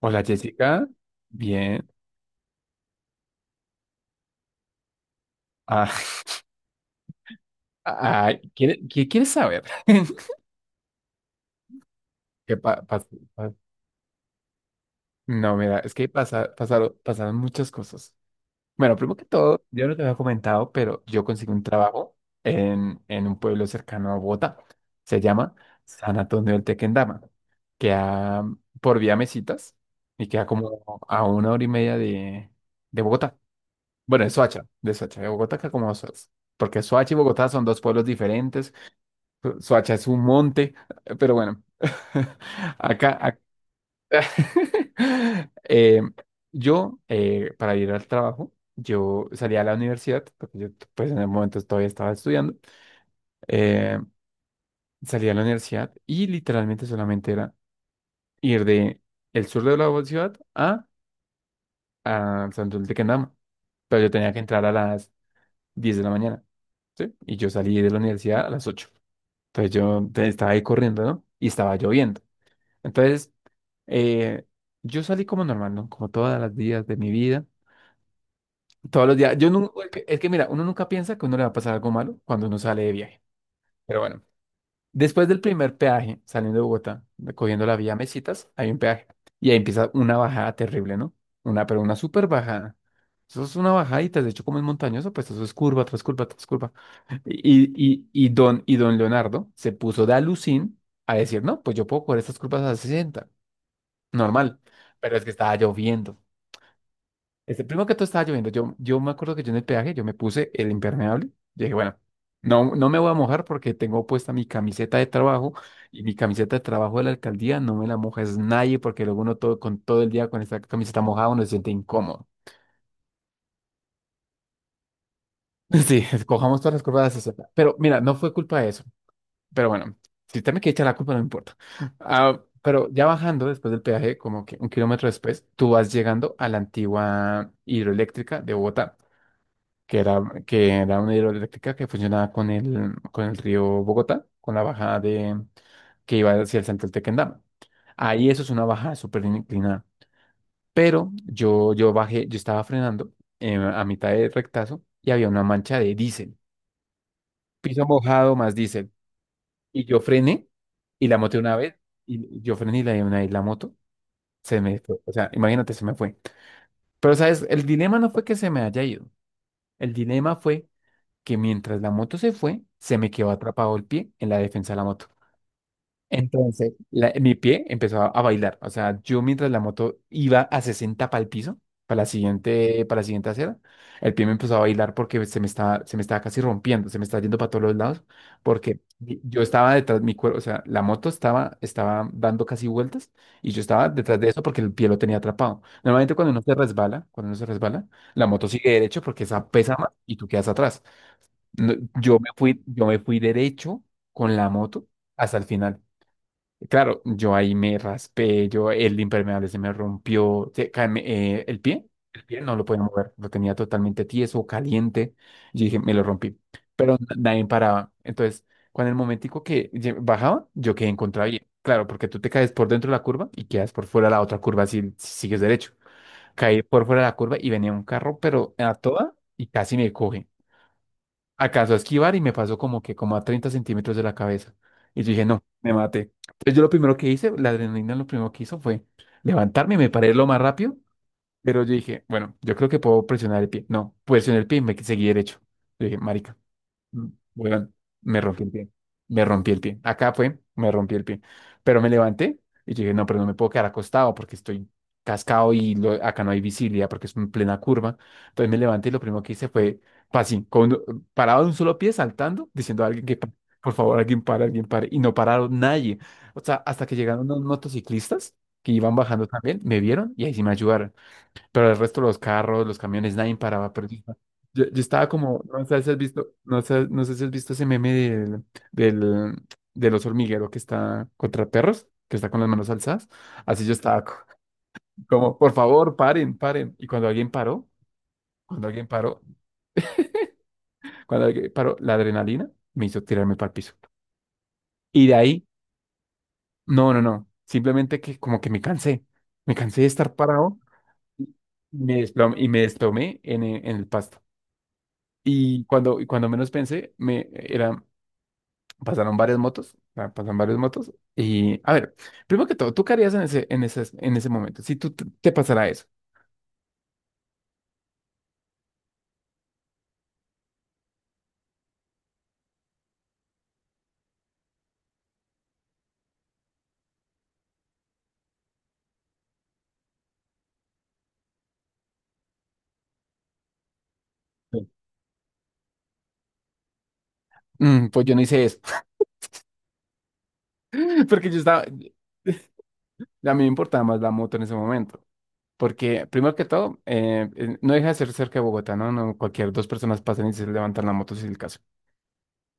Hola Jessica, bien. Ah, ah, ¿Qué quieres saber? ¿Qué pa- pas- pas- No, mira, es que pasaron muchas cosas. Bueno, primero que todo, yo no te había comentado, pero yo conseguí un trabajo en un pueblo cercano a Bogotá. Se llama San Antonio del Tequendama. Queda por vía Mesitas y queda como a una hora y media de Bogotá. Bueno, de Soacha, de Bogotá queda como a 2 horas. Porque Soacha y Bogotá son dos pueblos diferentes. Suacha es un monte, pero bueno, acá, ac- Eh, yo, para ir al trabajo, yo salía a la universidad, porque yo pues en el momento todavía estaba estudiando, eh, salía a la universidad y literalmente solamente era ir de el sur de la ciudad a Santos de Quendama, pero yo tenía que entrar a las 10 de la mañana, ¿sí? Y yo salí de la universidad a las 8. Entonces yo estaba ahí corriendo, ¿no? Y estaba lloviendo. Entonces, Eh, yo salí como normal, ¿no? Como todos los días de mi vida. Todos los días. Yo es que mira, uno nunca piensa que a uno le va a pasar algo malo cuando uno sale de viaje. Pero bueno, después del primer peaje, saliendo de Bogotá, cogiendo la vía Mesitas, hay un peaje. Y ahí empieza una bajada terrible, ¿no? Una, pero una súper bajada. Eso es una bajadita, de hecho, como es montañoso, pues eso es curva tras curva tras curva. Y don Leonardo se puso de alucín a decir, no, pues yo puedo coger estas curvas a 60, normal, pero es que estaba lloviendo. Este, primero que todo estaba lloviendo. Yo me acuerdo que yo en el peaje, yo me puse el impermeable. Yo dije, bueno, no, no me voy a mojar porque tengo puesta mi camiseta de trabajo y mi camiseta de trabajo de la alcaldía no me la moja es nadie porque luego uno todo, con todo el día con esta camiseta mojada uno se siente incómodo. Sí, cojamos todas las curvas de la sociedad. Pero mira, no fue culpa de eso. Pero bueno, si usted me quiere echar la culpa, no me importa. Ah, pero ya bajando después del peaje, como que un kilómetro después, tú vas llegando a la antigua hidroeléctrica de Bogotá. Que era, que era una hidroeléctrica que funcionaba con el río Bogotá, con la bajada que iba hacia el Central Tequendama. Ahí eso es una bajada súper inclinada. Pero yo bajé, yo estaba frenando a mitad de rectazo y había una mancha de diésel. Piso mojado más diésel. Y yo frené y la moto una vez. Y yo frené y la moto se me fue. O sea, imagínate, se me fue. Pero, ¿sabes? El dilema no fue que se me haya ido. El dilema fue que mientras la moto se fue, se me quedó atrapado el pie en la defensa de la moto. Entonces, mi pie empezó a bailar. O sea, yo mientras la moto iba a 60 para el piso, para la siguiente acera, el pie me empezó a bailar porque se me estaba casi rompiendo, se me estaba yendo para todos los lados, porque yo estaba detrás de mi cuerpo, o sea, la moto estaba dando casi vueltas y yo estaba detrás de eso porque el pie lo tenía atrapado. Normalmente cuando uno se resbala, la moto sigue derecho porque esa pesa más y tú quedas atrás. No, yo me fui derecho con la moto hasta el final. Claro, yo ahí me raspé, yo el impermeable se me rompió, el pie no lo podía mover, lo tenía totalmente tieso, caliente. Yo dije, me lo rompí, pero nadie paraba. Entonces, cuando el momentico que bajaba, yo quedé en contravía. Claro, porque tú te caes por dentro de la curva y quedas por fuera de la otra curva si sigues derecho. Caí por fuera de la curva y venía un carro, pero a toda y casi me coge. Acaso a esquivar y me pasó como que como a 30 centímetros de la cabeza. Y yo dije, no, me maté. Entonces yo lo primero que hice, la adrenalina lo primero que hizo fue levantarme y me paré lo más rápido, pero yo dije, bueno, yo creo que puedo presionar el pie. No, presioné el pie y me seguí derecho. Yo dije, marica, Mm, Weón, me rompí el pie. Me rompí el pie. Acá fue, me rompí el pie. Pero me levanté y dije, no, pero no me puedo quedar acostado porque estoy cascado y acá no hay visibilidad porque es en plena curva. Entonces me levanté y lo primero que hice fue, así, con, parado de un solo pie, saltando, diciendo a alguien que, por favor, alguien para, alguien para. Y no pararon nadie. O sea, hasta que llegaron unos motociclistas que iban bajando también, me vieron y ahí sí me ayudaron pero el resto de los carros, los camiones, nadie paraba. Pero yo, yo estaba como, no sé si has visto, no sé, no sé si has visto ese meme del, del oso hormiguero que está contra perros, que está con las manos alzadas. Así yo estaba como, por favor, paren, paren. Y cuando alguien paró, cuando alguien paró, cuando alguien paró, la adrenalina me hizo tirarme para el piso. Y de ahí, no, no, no, simplemente que como que me cansé de estar parado. y me desplomé en el pasto. Y cuando menos pensé, pasaron varias motos. Y a ver, primero que todo, ¿tú qué harías en ese momento? Si tú te pasara eso. Sí. Mm, pues yo no hice eso, porque yo estaba, a mí me importaba más la moto en ese momento. Porque primero que todo, no deja de ser cerca de Bogotá, ¿no? No, cualquier dos personas pasan y se levantan la moto si es el caso.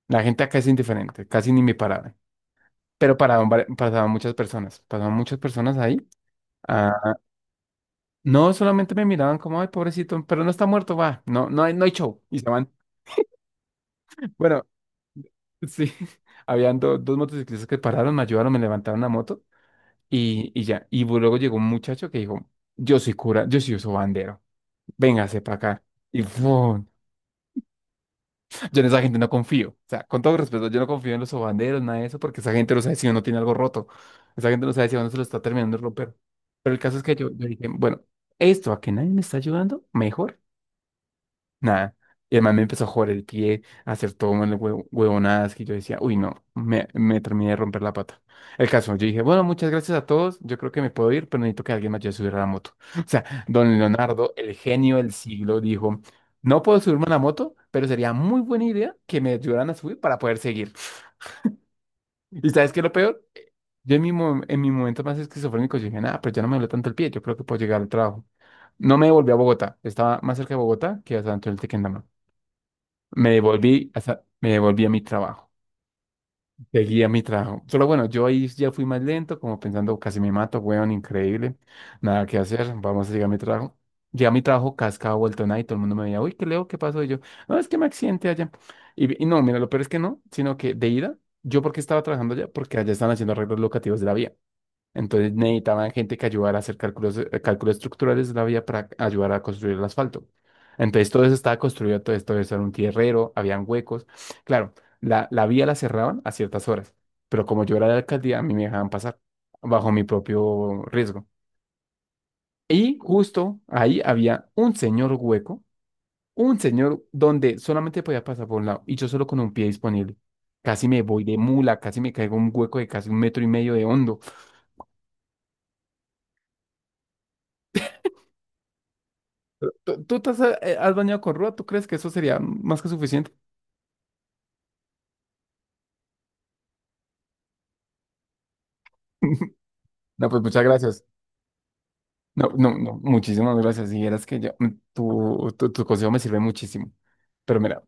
La gente acá es indiferente, casi ni me paraban. Pero paraban, pasaban muchas personas ahí. No, solamente me miraban como, ay, pobrecito, pero no está muerto, va. No, no hay show. Y se van. Bueno, sí, habían dos motociclistas que pararon, me ayudaron, me levantaron la moto y ya. Y luego llegó un muchacho que dijo, yo soy cura, yo soy bandero, véngase para acá. Y ¡fum! Yo en esa gente no confío. O sea, con todo respeto, yo no confío en los sobanderos, nada de eso, porque esa gente no sabe si uno tiene algo roto. Esa gente no sabe si uno se lo está terminando de romper. Pero el caso es que yo dije, bueno, esto a que nadie me está ayudando, mejor. Nada. Y además me empezó a jugar el pie, a hacer todo mal huevonadas que yo decía, uy, no, me terminé de romper la pata. El caso, yo dije, bueno, muchas gracias a todos, yo creo que me puedo ir, pero necesito que alguien me ayude a subir a la moto. O sea, don Leonardo, el genio del siglo, dijo, no puedo subirme a la moto, pero sería muy buena idea que me ayudaran a subir para poder seguir. ¿Y sabes qué es lo peor? Yo en mi momento más esquizofrénico yo dije, nada, pero ya no me duele tanto el pie, yo creo que puedo llegar al trabajo. No me devolví a Bogotá, estaba más cerca de Bogotá que a San Antonio del Tequendama. Me devolví, me devolví a mi trabajo. Seguí a mi trabajo. Solo bueno, yo ahí ya fui más lento, como pensando, casi me mato, weón, increíble. Nada que hacer, vamos a llegar a mi trabajo. Llegué a mi trabajo, cascado, vuelto nada, y todo el mundo me veía, uy, qué leo, qué pasó. Y yo, no, es que me accidenté allá. Y no, mira, lo peor es que no, sino que de ida, yo porque estaba trabajando allá, porque allá están haciendo arreglos locativos de la vía. Entonces necesitaban gente que ayudara a hacer cálculos, cálculos estructurales de la vía para ayudar a construir el asfalto. Entonces todo eso estaba construido, todo esto eso era un tierrero, habían huecos. Claro, la vía la cerraban a ciertas horas, pero como yo era de la alcaldía, a mí me dejaban pasar bajo mi propio riesgo. Y justo ahí había un señor hueco, un señor donde solamente podía pasar por un lado y yo solo con un pie disponible. Casi me voy de mula, casi me caigo en un hueco de casi un metro y medio de hondo. ¿Tú has bañado con ruda? ¿Tú crees que eso sería más que suficiente? No, pues muchas gracias. No, no, no, muchísimas gracias. Y eras que yo, tu consejo me sirve muchísimo. Pero mira,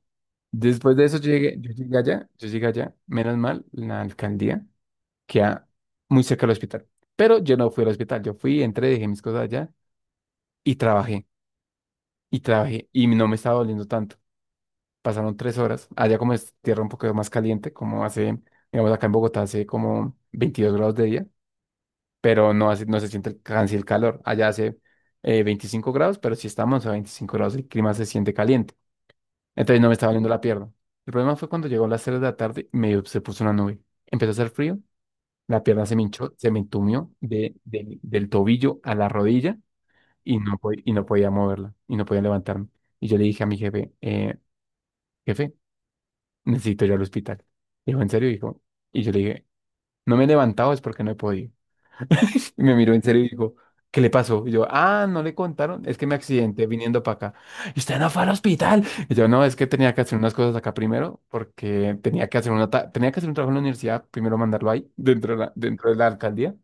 después de eso yo llegué allá, menos mal, la alcaldía queda muy cerca del hospital. Pero yo no fui al hospital, yo fui, entré, dejé mis cosas allá y trabajé, y no me estaba doliendo tanto. Pasaron 3 horas, allá como es tierra un poco más caliente, digamos, acá en Bogotá hace como 22 grados de día, pero no, no se siente casi el calor. Allá hace 25 grados, pero si estamos a 25 grados, el clima se siente caliente. Entonces no me estaba doliendo la pierna. El problema fue cuando llegó a las 3 de la tarde, se puso una nube. Empezó a hacer frío, la pierna se me hinchó, se me entumió del tobillo a la rodilla y y no podía moverla, y no podía levantarme. Y yo le dije a mi jefe, jefe, necesito ir al hospital. Dijo, ¿en serio? Dijo, y yo le dije, no me he levantado es porque no he podido. Y me miró en serio y dijo, ¿qué le pasó? Y yo, ah, no le contaron, es que me accidenté viniendo para acá. Y usted no fue al hospital. Y yo, no, es que tenía que hacer unas cosas acá primero, porque tenía que hacer tenía que hacer un trabajo en la universidad, primero mandarlo ahí, dentro de la alcaldía.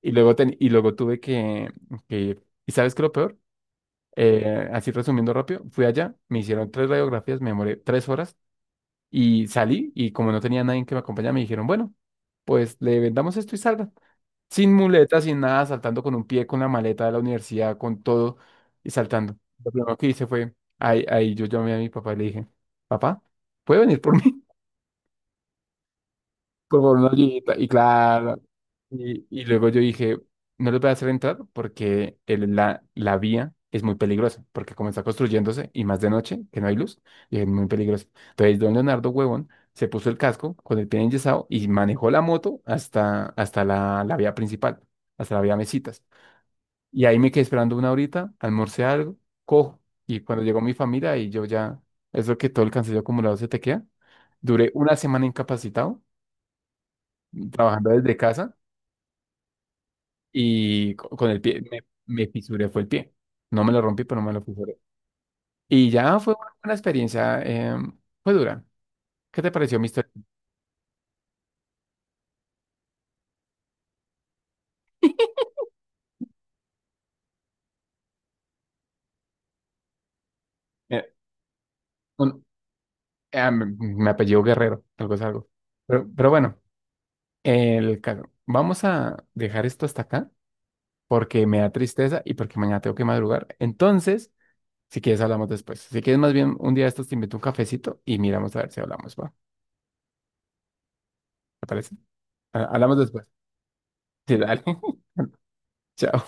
Y luego tuve que, ir. ¿Y sabes qué es lo peor? Así resumiendo rápido, fui allá, me hicieron tres radiografías, me demoré 3 horas y salí y como no tenía nadie que me acompañara, me dijeron, bueno, pues le vendamos esto y salga sin muletas, sin nada, saltando con un pie, con la maleta de la universidad, con todo y saltando. Lo primero que hice fue, ahí yo llamé a mi papá y le dije, papá, ¿puede venir por mí? Por favor, una ayudita. Y claro, y luego yo dije, no les voy a hacer entrar porque la vía es muy peligrosa, porque como está construyéndose y más de noche, que no hay luz, y es muy peligroso. Entonces, don Leonardo Huevón se puso el casco con el pie enyesado y manejó la moto hasta la vía principal, hasta la vía Mesitas. Y ahí me quedé esperando una horita, almorcé algo, cojo. Y cuando llegó mi familia y yo ya, eso que todo el cansancio acumulado se te queda, duré una semana incapacitado, trabajando desde casa y con el pie, me fisuré, fue el pie. No me lo rompí, pero me lo fisuré. Y ya fue una, buena experiencia, fue dura. ¿Qué te pareció mi historia? Eh, un- me apellido Guerrero, algo es algo. Pero bueno, el caso. Vamos a dejar esto hasta acá, porque me da tristeza y porque mañana tengo que madrugar. Entonces, si quieres, hablamos después. Si quieres, más bien un día de estos te invito a un cafecito y miramos a ver si hablamos, ¿va? ¿Te parece? Hablamos después. Sí, dale. Chao.